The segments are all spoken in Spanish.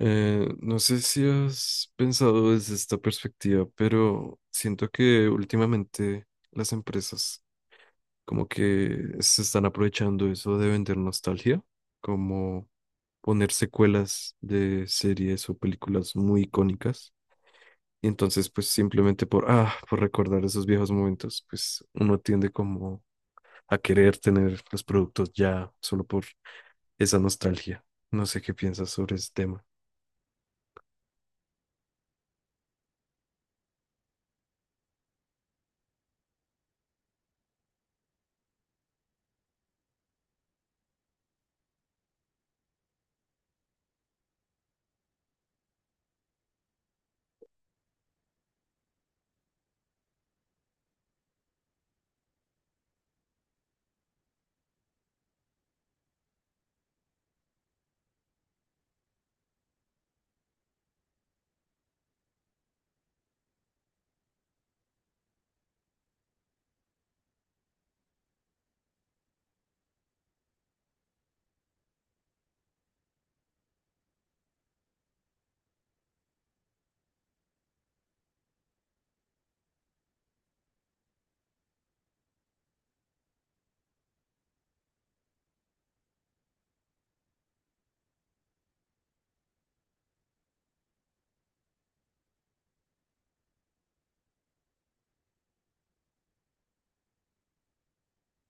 No sé si has pensado desde esta perspectiva, pero siento que últimamente las empresas como que se están aprovechando eso de vender nostalgia, como poner secuelas de series o películas muy icónicas. Y entonces, pues simplemente por recordar esos viejos momentos, pues uno tiende como a querer tener los productos ya solo por esa nostalgia. No sé qué piensas sobre ese tema.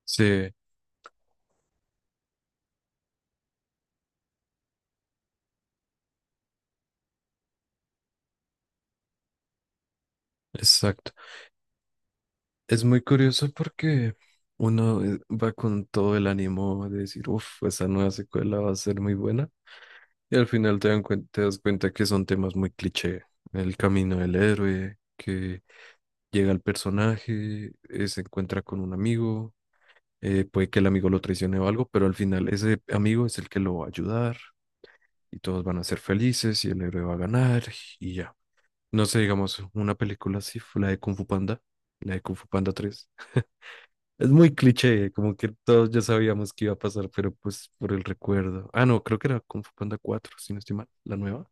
Sí, exacto. Es muy curioso porque uno va con todo el ánimo de decir, uff, esa nueva secuela va a ser muy buena. Y al final te das cuenta que son temas muy cliché. El camino del héroe, que llega el personaje, se encuentra con un amigo, puede que el amigo lo traicione o algo, pero al final ese amigo es el que lo va a ayudar y todos van a ser felices y el héroe va a ganar y ya. No sé, digamos, una película así fue la de Kung Fu Panda, la de Kung Fu Panda 3. Es muy cliché, como que todos ya sabíamos que iba a pasar, pero pues por el recuerdo. Ah, no, creo que era Kung Fu Panda 4, si no estoy mal, la nueva.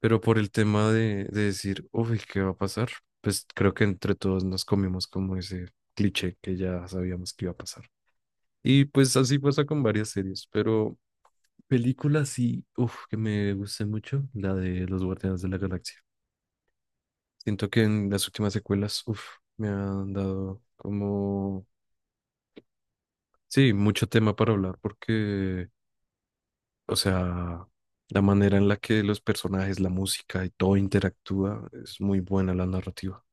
Pero por el tema de decir, uy, ¿qué va a pasar? Pues creo que entre todos nos comimos como ese cliché que ya sabíamos que iba a pasar. Y pues así pasa con varias series, pero películas sí, uff, que me guste mucho, la de Los Guardianes de la Galaxia. Siento que en las últimas secuelas, uff, me han dado como, sí, mucho tema para hablar porque, o sea, la manera en la que los personajes, la música y todo interactúa es muy buena la narrativa.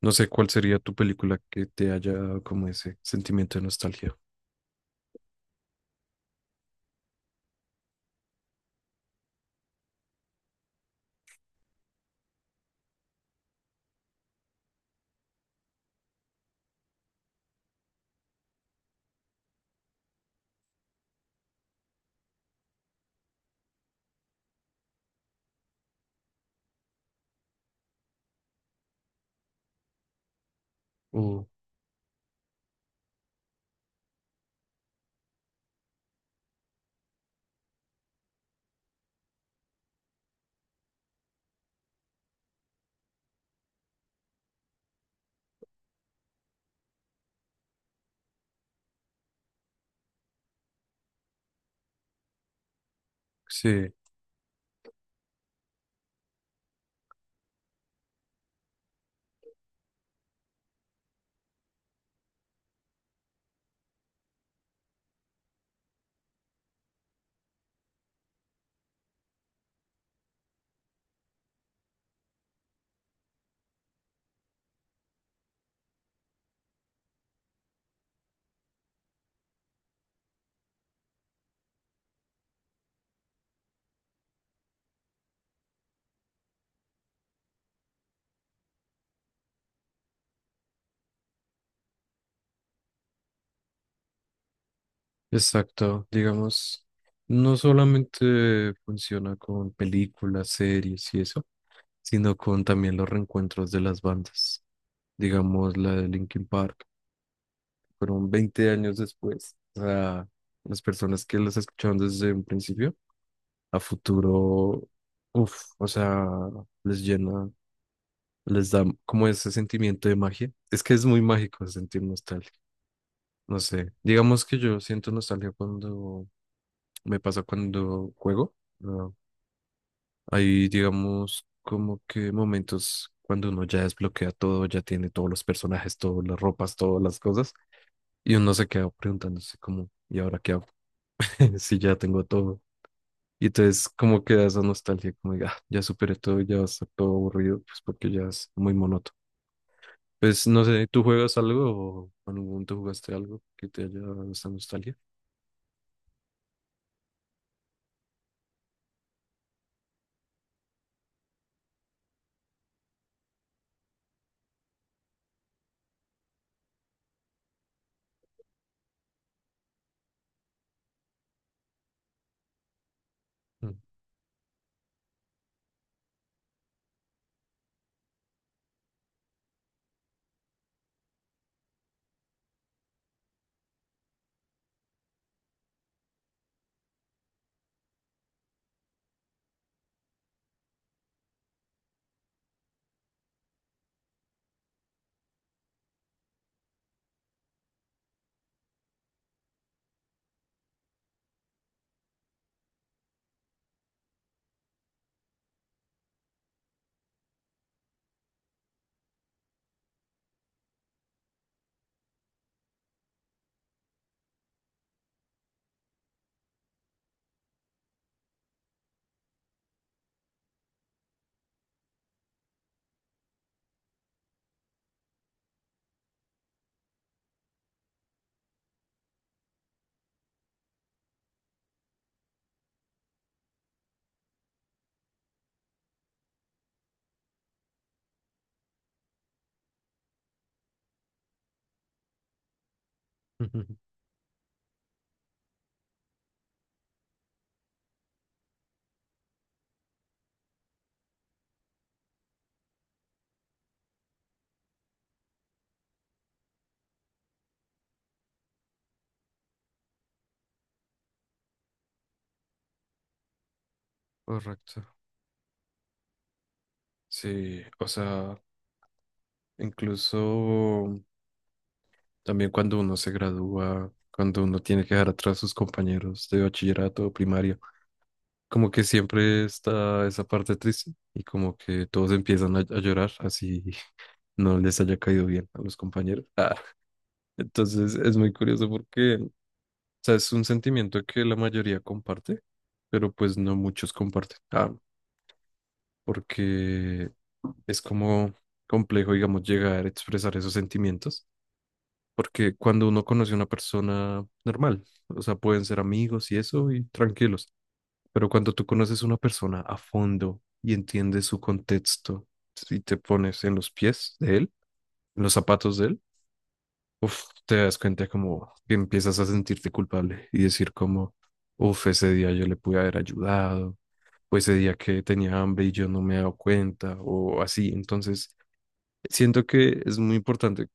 No sé cuál sería tu película que te haya dado como ese sentimiento de nostalgia. Uh, sí, exacto. Digamos, no solamente funciona con películas, series y eso, sino con también los reencuentros de las bandas. Digamos, la de Linkin Park, fueron 20 años después. O sea, las personas que las escucharon desde un principio a futuro, uff, o sea, les llena, les da como ese sentimiento de magia. Es que es muy mágico sentir nostalgia, no sé. Digamos que yo siento nostalgia cuando me pasa cuando juego. ¿No? Hay, digamos, como que momentos cuando uno ya desbloquea todo, ya tiene todos los personajes, todas las ropas, todas las cosas, y uno se queda preguntándose como, ¿y ahora qué hago? Si ya tengo todo. Y entonces como queda esa nostalgia, como diga, "Ah, ya superé todo, ya está todo aburrido, pues porque ya es muy monótono. Pues no sé, ¿tú juegas algo o en algún momento jugaste algo que te haya dado esta nostalgia?" Mm. Correcto. Sí, o sea, incluso también cuando uno se gradúa, cuando uno tiene que dejar atrás sus compañeros de bachillerato o primaria, como que siempre está esa parte triste y como que todos empiezan a llorar así, no les haya caído bien a los compañeros. Entonces es muy curioso porque, o sea, es un sentimiento que la mayoría comparte, pero pues no muchos comparten. Ah, porque es como complejo, digamos, llegar a expresar esos sentimientos, porque cuando uno conoce a una persona normal, o sea, pueden ser amigos y eso, y tranquilos, pero cuando tú conoces a una persona a fondo y entiendes su contexto y te pones en los pies de él, en los zapatos de él, uf, te das cuenta como que empiezas a sentirte culpable y decir como, uf, ese día yo le pude haber ayudado, o ese día que tenía hambre y yo no me he dado cuenta, o así. Entonces, siento que es muy importante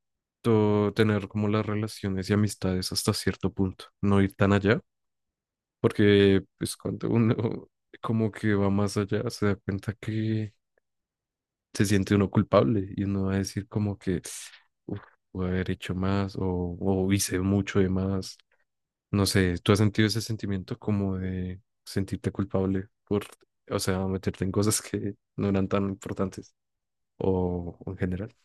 tener como las relaciones y amistades hasta cierto punto, no ir tan allá, porque pues cuando uno como que va más allá, se da cuenta que se siente uno culpable y uno va a decir como que, uff, pude haber hecho más o hice mucho de más. No sé, ¿tú has sentido ese sentimiento como de sentirte culpable por, o sea, meterte en cosas que no eran tan importantes o en general?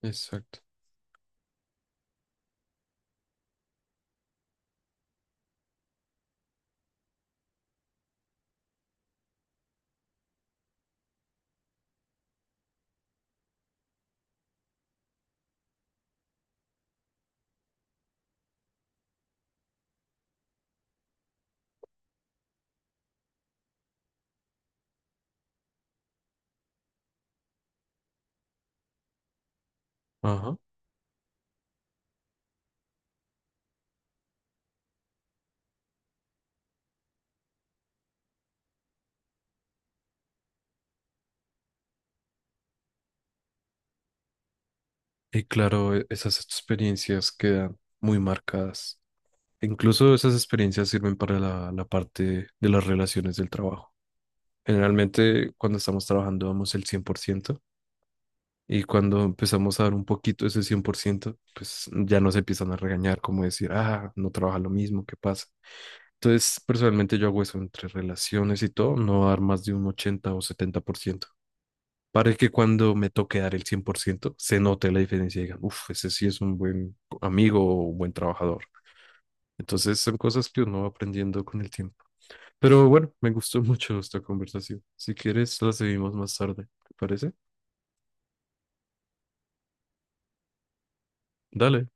Exacto. Ajá. Y claro, esas experiencias quedan muy marcadas. Incluso esas experiencias sirven para la parte de las relaciones del trabajo. Generalmente, cuando estamos trabajando, damos el 100%. Y cuando empezamos a dar un poquito ese 100% pues ya nos empiezan a regañar, como decir, ah, no trabaja lo mismo, ¿qué pasa? Entonces, personalmente yo hago eso entre relaciones y todo, no dar más de un 80 o 70% para que cuando me toque dar el 100% se note la diferencia y digan, uff, ese sí es un buen amigo o un buen trabajador. Entonces, son cosas que uno va aprendiendo con el tiempo. Pero bueno, me gustó mucho esta conversación. Si quieres, la seguimos más tarde, ¿te parece? Dale.